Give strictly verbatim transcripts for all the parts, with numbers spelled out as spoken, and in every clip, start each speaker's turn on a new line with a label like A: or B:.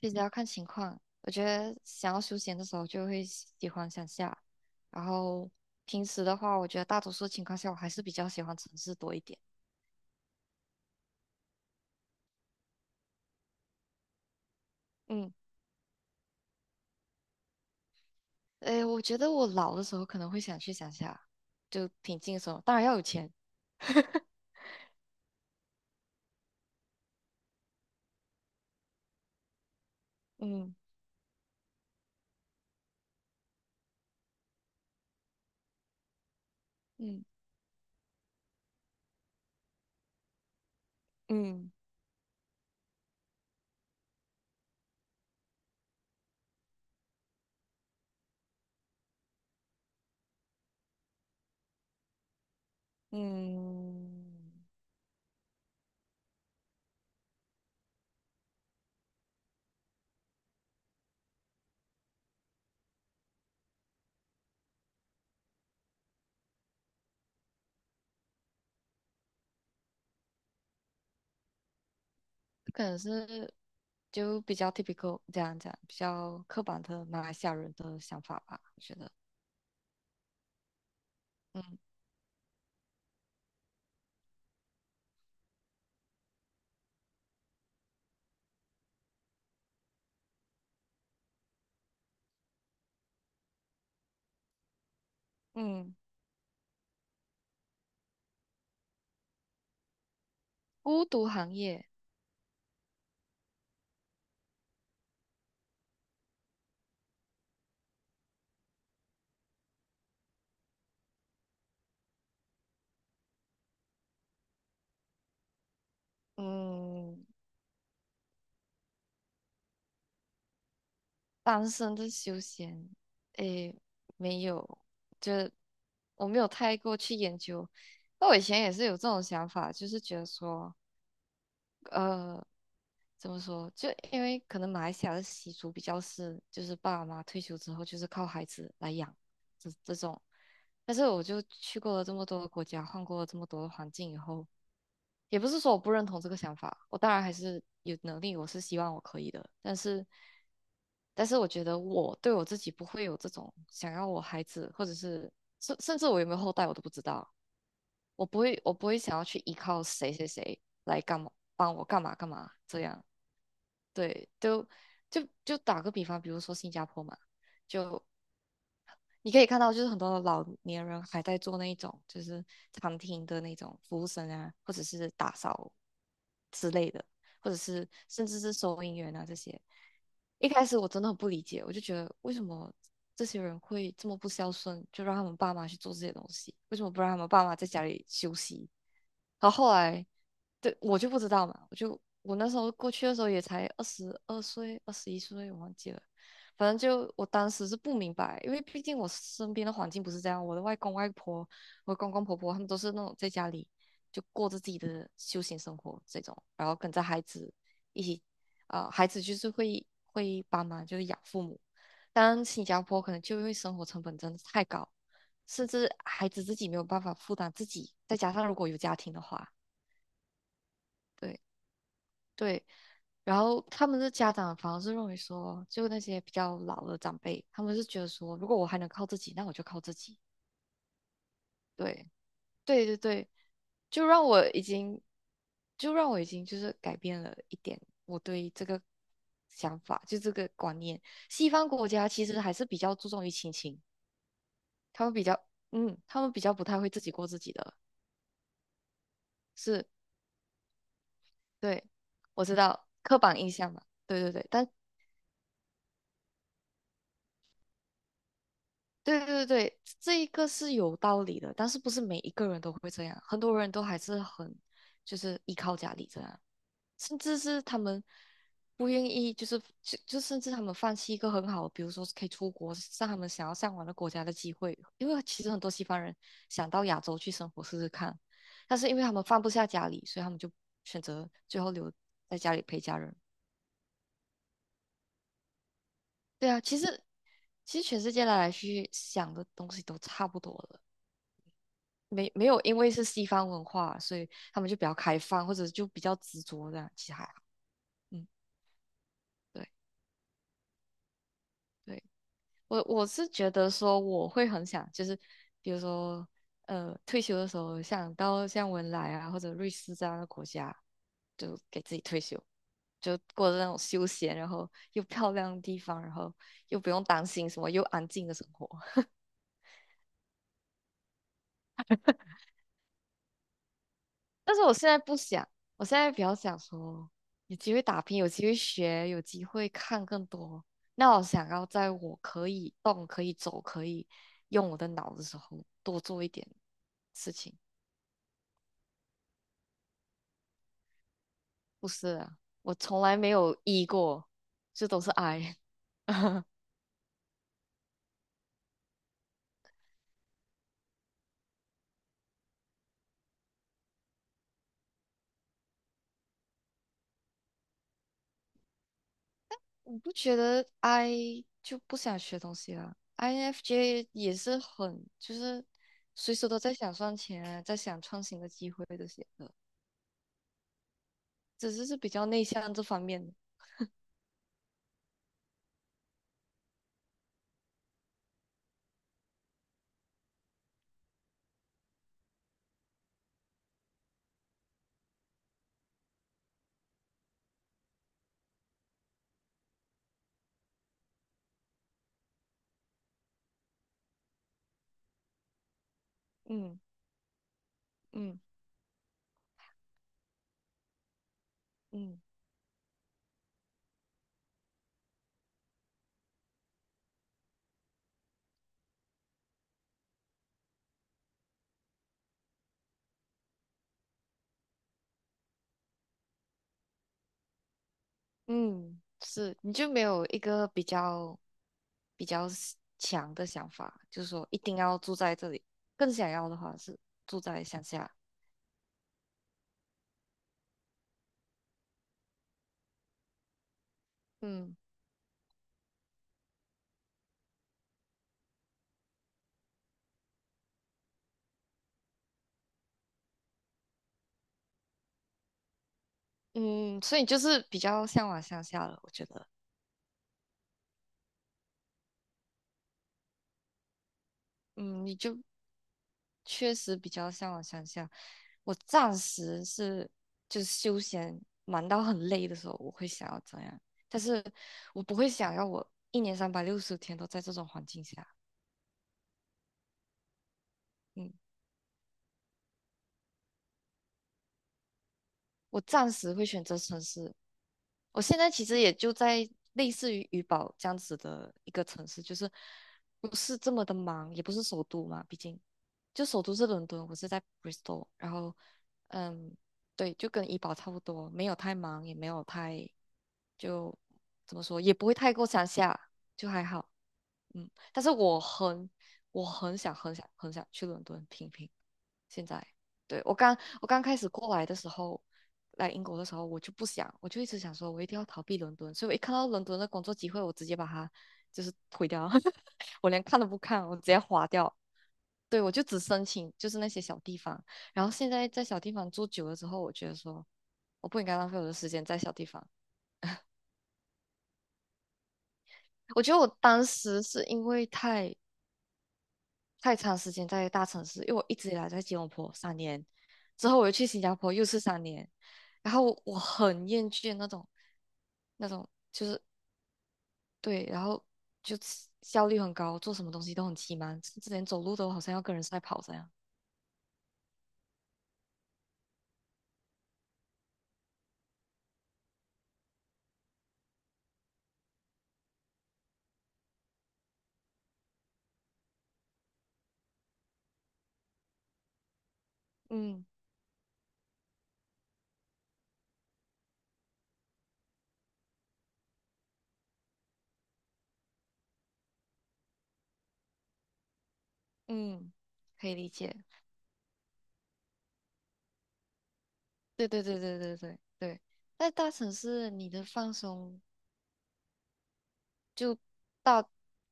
A: 其实要看情况，我觉得想要休闲的时候就会喜欢乡下，然后平时的话，我觉得大多数情况下我还是比较喜欢城市多一点。嗯，诶，我觉得我老的时候可能会想去乡下，就平静的时候，当然要有钱。嗯嗯嗯嗯，可能是就比较 typical 这样讲，比较刻板的马来西亚人的想法吧，我觉得。嗯嗯，孤独行业，嗯。单身的休闲，诶，没有，就是我没有太过去研究。那我以前也是有这种想法，就是觉得说，呃，怎么说？就因为可能马来西亚的习俗比较是，就是爸爸妈妈退休之后就是靠孩子来养，这这种。但是我就去过了这么多的国家，换过了这么多的环境以后，也不是说我不认同这个想法，我当然还是有能力，我是希望我可以的。但是，但是我觉得我对我自己不会有这种想要我孩子，或者是甚甚至我有没有后代我都不知道，我不会我不会想要去依靠谁谁谁来干嘛帮我干嘛干嘛这样。对，都就就打个比方，比如说新加坡嘛，就你可以看到，就是很多的老年人还在做那一种，就是餐厅的那种服务生啊，或者是打扫之类的，或者是甚至是收银员啊这些。一开始我真的很不理解，我就觉得为什么这些人会这么不孝顺，就让他们爸妈去做这些东西，为什么不让他们爸妈在家里休息，然后后来，对，我就不知道嘛，我就我那时候过去的时候也才二十二岁、二十一岁，我忘记了。反正就我当时是不明白，因为毕竟我身边的环境不是这样，我的外公外婆、我的公公婆婆他们都是那种在家里就过着自己的休闲生活这种，然后跟着孩子一起，啊、孩子就是会会帮忙，就是养父母。当然，新加坡可能就因为生活成本真的太高，甚至孩子自己没有办法负担自己，再加上如果有家庭的话，对对，然后他们的家长反而是认为说，就那些比较老的长辈，他们是觉得说，如果我还能靠自己，那我就靠自己。对对对对，就让我已经，就让我已经就是改变了一点我对这个想法，就这个观念。西方国家其实还是比较注重于亲情，他们比较，嗯，他们比较不太会自己过自己的，是。对，我知道刻板印象嘛，对对对，但对对对这一个是有道理的，但是不是每一个人都会这样，很多人都还是很就是依靠家里这样，甚至是他们不愿意，就是就就甚至他们放弃一个很好的比如说是可以出国，上他们想要向往的国家的机会，因为其实很多西方人想到亚洲去生活试试看，但是因为他们放不下家里，所以他们就选择最后留在家里陪家人。对啊，其实其实全世界来来去去想的东西都差不多了，没没有因为是西方文化，所以他们就比较开放，或者就比较执着这样，其实还好。嗯，对对，我我是觉得说我会很想，就是比如说呃退休的时候想到像文莱啊或者瑞士这样的国家，就给自己退休，就过着那种休闲，然后又漂亮的地方，然后又不用担心什么，又安静的生活。但是我现在不想，我现在比较想说，有机会打拼，有机会学，有机会看更多。那我想要在我可以动、可以走、可以用我的脑的时候，多做一点事情。不是啊，我从来没有 E 过，这都是 I。我不觉得 I 就不想学东西啊。i n f j 也是很就是随时都在想赚钱啊，在想创新的机会这些的。只是是比较内向这方面的。嗯嗯嗯嗯，是，你就没有一个比较比较 s- 强的想法，就是说一定要住在这里。更想要的话是住在乡下。嗯嗯，所以你就是比较向往乡下了，我觉得。嗯，你就确实比较向往乡下。我暂时是就是休闲忙到很累的时候，我会想要这样，但是我不会想要我一年三百六十天都在这种环境下。嗯，我暂时会选择城市。我现在其实也就在类似于怡保这样子的一个城市，就是不是这么的忙，也不是首都嘛，毕竟就首都是伦敦，我是在 Bristol，然后嗯，对，就跟怡保差不多，没有太忙，也没有太就怎么说，也不会太过乡下，就还好，嗯，但是我很我很想很想很想去伦敦拼拼，现在。对，我刚我刚开始过来的时候。来英国的时候，我就不想，我就一直想说，我一定要逃避伦敦，所以我一看到伦敦的工作机会，我直接把它就是推掉，我连看都不看，我直接划掉。对，我就只申请就是那些小地方，然后现在在小地方住久了之后，我觉得说我不应该浪费我的时间在小地方。我觉得我当时是因为太太长时间在大城市，因为我一直以来在吉隆坡三年，之后我又去新加坡又是三年，然后我很厌倦那种那种就是对，然后就起效率很高，做什么东西都很奇忙，甚至连走路都好像要跟人赛跑这样。嗯嗯，可以理解。对对对对对对对，在大城市你的放松就大，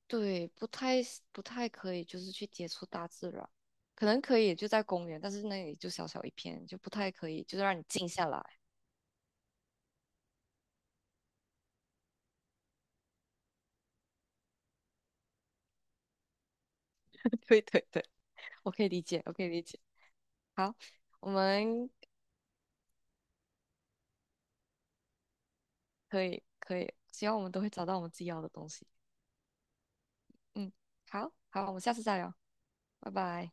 A: 对，不太不太可以，就是去接触大自然，可能可以就在公园，但是那里就小小一片，就不太可以，就是让你静下来。对对对，我可以理解，我可以理解。好，我们可以可以，希望我们都会找到我们自己要的东西。嗯，好好，我们下次再聊，拜拜。